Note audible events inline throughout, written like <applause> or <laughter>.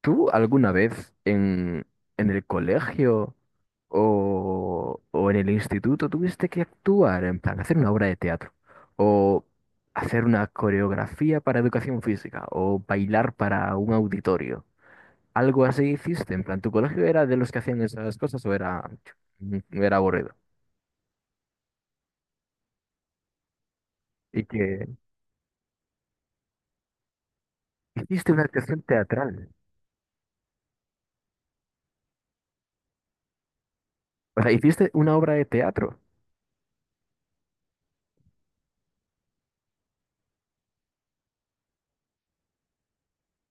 ¿Tú alguna vez en el colegio o en el instituto tuviste que actuar, en plan, hacer una obra de teatro o hacer una coreografía para educación física o bailar para un auditorio? ¿Algo así hiciste? En plan, ¿tu colegio era de los que hacían esas cosas o era, era aburrido? Y que hiciste una actuación teatral. O sea, hiciste una obra de teatro,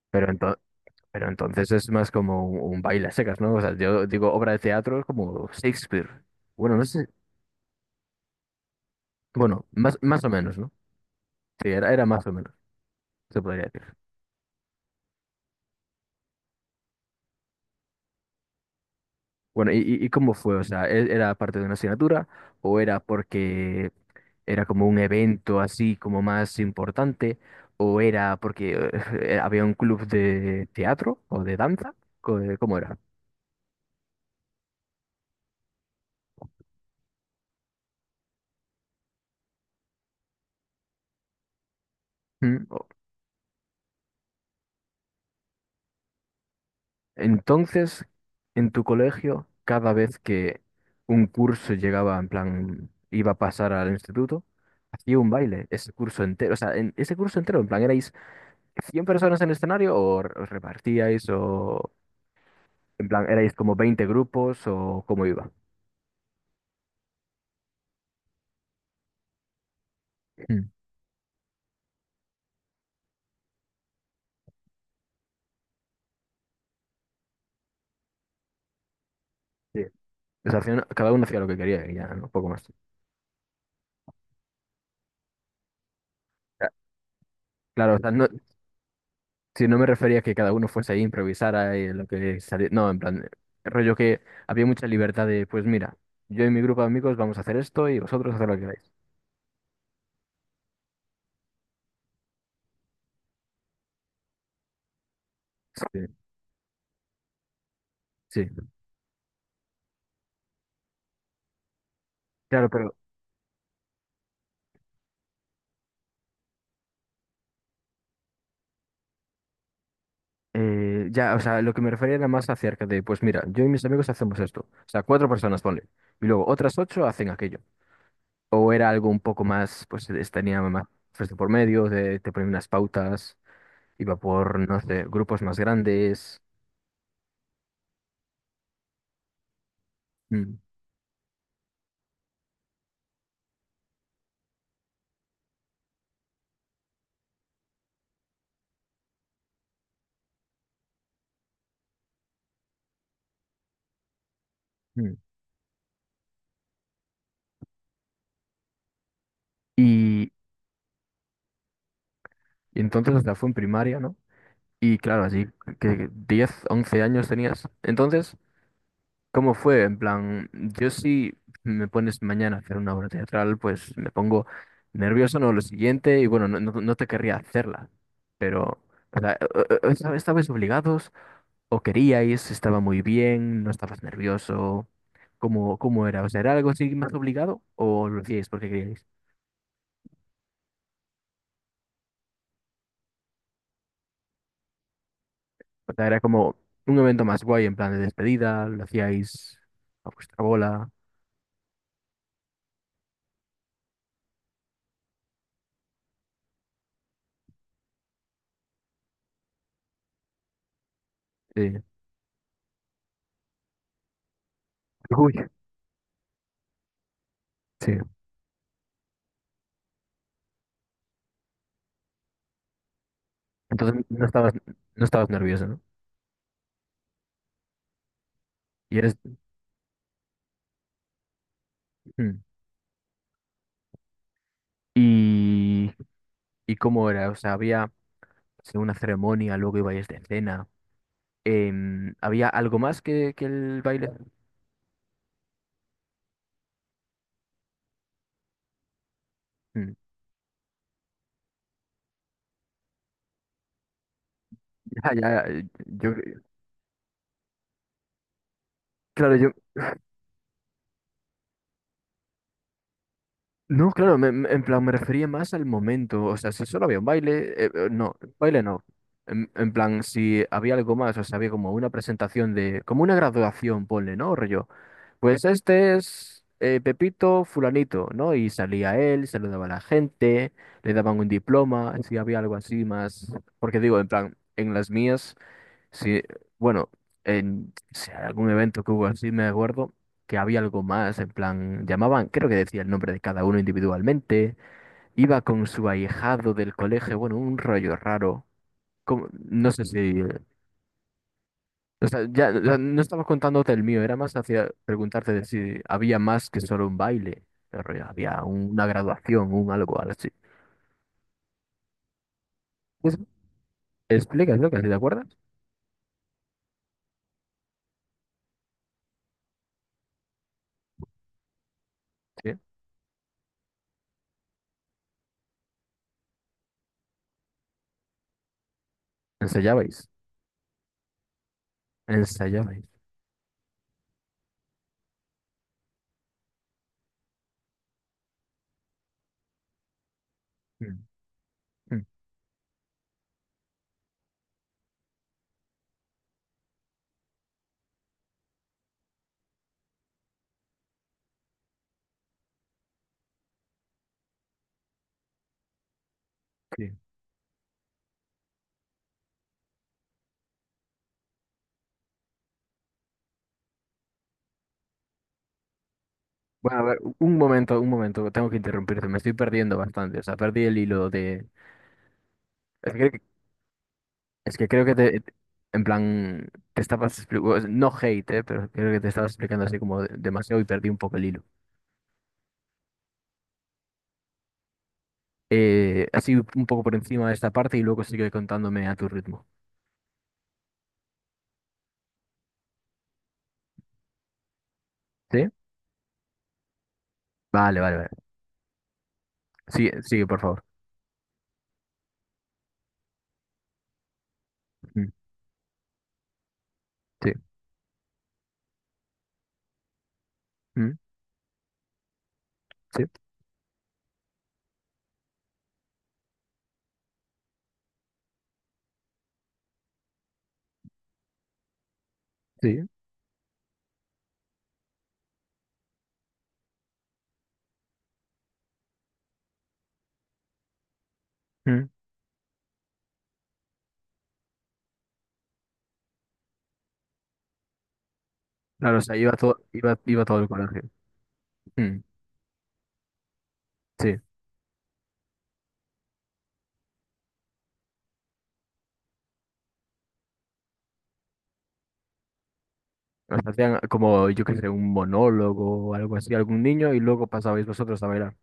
pero pero entonces es más como un baile a secas, ¿no? O sea, yo digo obra de teatro como Shakespeare. Bueno, no sé. Bueno, más o menos, ¿no? Sí, era más o menos, se podría decir. Bueno, ¿y cómo fue? O sea, ¿era parte de una asignatura o era porque era como un evento así como más importante o era porque <laughs> había un club de teatro o de danza? ¿Cómo era? ¿Mm? Entonces, en tu colegio, cada vez que un curso llegaba, en plan, iba a pasar al instituto, hacía un baile, ese curso entero, o sea, en ese curso entero, en plan, ¿erais 100 personas en el escenario o os repartíais o, en plan, erais como 20 grupos o cómo iba? Mm. Sí. O sea, al final, cada uno hacía lo que quería y ya, ¿no? Poco más. Ya. Claro, o sea, no, si no me refería a que cada uno fuese ahí, improvisara y lo que saliera. No, en plan, rollo que había mucha libertad de, pues mira, yo y mi grupo de amigos vamos a hacer esto y vosotros haced lo que queráis. Sí, sí. Claro, pero ya, o sea, lo que me refería era más acerca de, pues mira, yo y mis amigos hacemos esto. O sea, cuatro personas, ponle. Y luego otras ocho hacen aquello. O era algo un poco más, pues tenía más pues, de por medio, de, te ponía unas pautas, iba por, no sé, grupos más grandes. Mm, mm. Y, y entonces hasta fue en primaria, ¿no? Y claro, así que 10 u 11 años tenías. Entonces, ¿cómo fue? En plan, yo si me pones mañana a hacer una obra teatral, pues me pongo nervioso, ¿no? Lo siguiente, y bueno, no te querría hacerla, pero, o sea, ¿estabais obligados o queríais? ¿Estaba muy bien? ¿No estabas nervioso? ¿Cómo era? O sea, ¿era algo así más obligado o lo hacíais porque queríais? O sea, era como un evento más guay en plan de despedida, lo hacíais a vuestra bola. Sí. <laughs> Uy, sí. Entonces no estabas nervioso, ¿no? Y eres... Mm. ¿Y, y cómo era? O sea, había sí, una ceremonia, luego ibais de cena. ¿Había algo más que el baile? Mm. Ya, ya, eh, yo, claro, yo... No, claro, en plan me refería más al momento. O sea, si solo había un baile, no, baile no. En plan, si había algo más, o sea, había como una presentación de... Como una graduación, ponle, ¿no? Rollo. Pues este es Pepito Fulanito, ¿no? Y salía él, saludaba a la gente, le daban un diploma, si había algo así más. Porque digo, en plan, en las mías, si, bueno, en si hay algún evento que hubo así, me acuerdo que había algo más, en plan, llamaban, creo que decía el nombre de cada uno individualmente, iba con su ahijado del colegio, bueno, un rollo raro. No sé si o sea, ya no estaba contándote el mío, era más hacia preguntarte de si había más que solo un baile, pero ya había una graduación, un algo algo así. Pues, explica, lo ¿te acuerdas? Sí. Ensayabais, ensayabais. Mm, mm, sí. Bueno, a ver, un momento, tengo que interrumpirte, me estoy perdiendo bastante, o sea, perdí el hilo de... Es que, creo que te, en plan, te estabas explicando, no hate, pero creo que te estabas explicando así como demasiado y perdí un poco el hilo. Así un poco por encima de esta parte y luego sigue contándome a tu ritmo. ¿Sí? Vale. Sigue, por favor. Mm, sí. Mm, sí. Sí. Mm. Claro, o sea, iba todo, iba todo el colegio. Mm, sí. O sea, hacían como, yo qué sé, un monólogo o algo así, algún niño, y luego pasabais vosotros a bailar.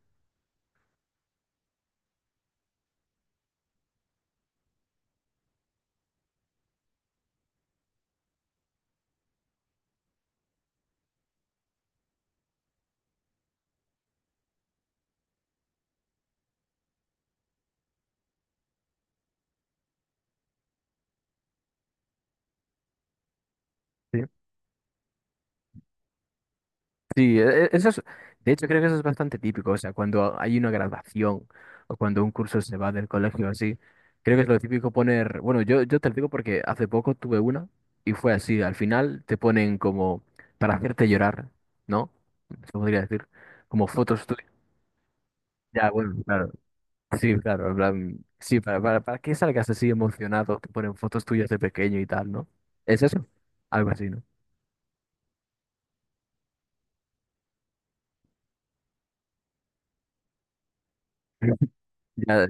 Sí. Sí, eso es, de hecho creo que eso es bastante típico, o sea, cuando hay una graduación o cuando un curso se va del colegio así, creo que es lo típico poner, bueno, yo te lo digo porque hace poco tuve una y fue así, al final te ponen como para hacerte llorar, ¿no? Se podría decir, como fotos tuyas. Ya, bueno, claro, sí, claro, en plan, sí, para que salgas así emocionado, te ponen fotos tuyas de pequeño y tal, ¿no? ¿Es eso? Algo así, ¿no? <laughs> Ya,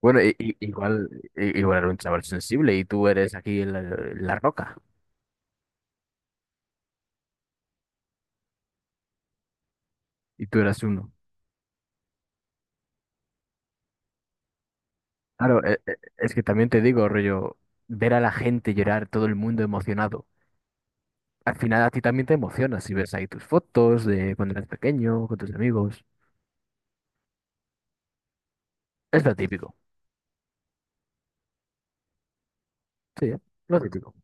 bueno, igual, igual era un chaval sensible y tú eres aquí la roca y tú eras uno. Claro, es que también te digo, rollo, ver a la gente llorar, todo el mundo emocionado. Al final a ti también te emocionas si ves ahí tus fotos de cuando eras pequeño, con tus amigos. Es lo típico, sí, ¿eh? Lo típico.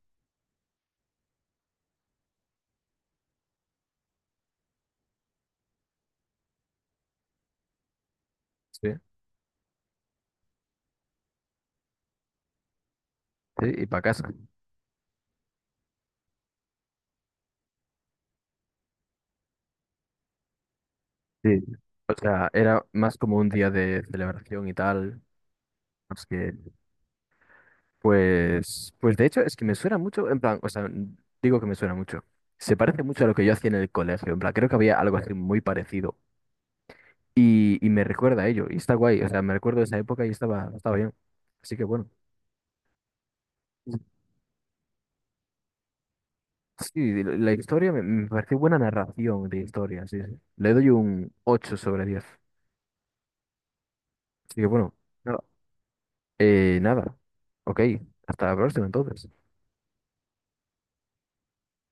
Sí, sí, y para casa. Sí. O sea, era más como un día de celebración y tal, más que... Pues, pues de hecho es que me suena mucho, en plan, o sea, digo que me suena mucho. Se parece mucho a lo que yo hacía en el colegio, en plan, creo que había algo así muy parecido. Y me recuerda a ello, y está guay, o sea, me recuerdo de esa época y estaba, estaba bien. Así que bueno. Sí, de la historia me pareció buena narración de historia, sí, sí. Le doy un 8 sobre 10. Así que bueno, nada. Nada. Ok, hasta la próxima entonces.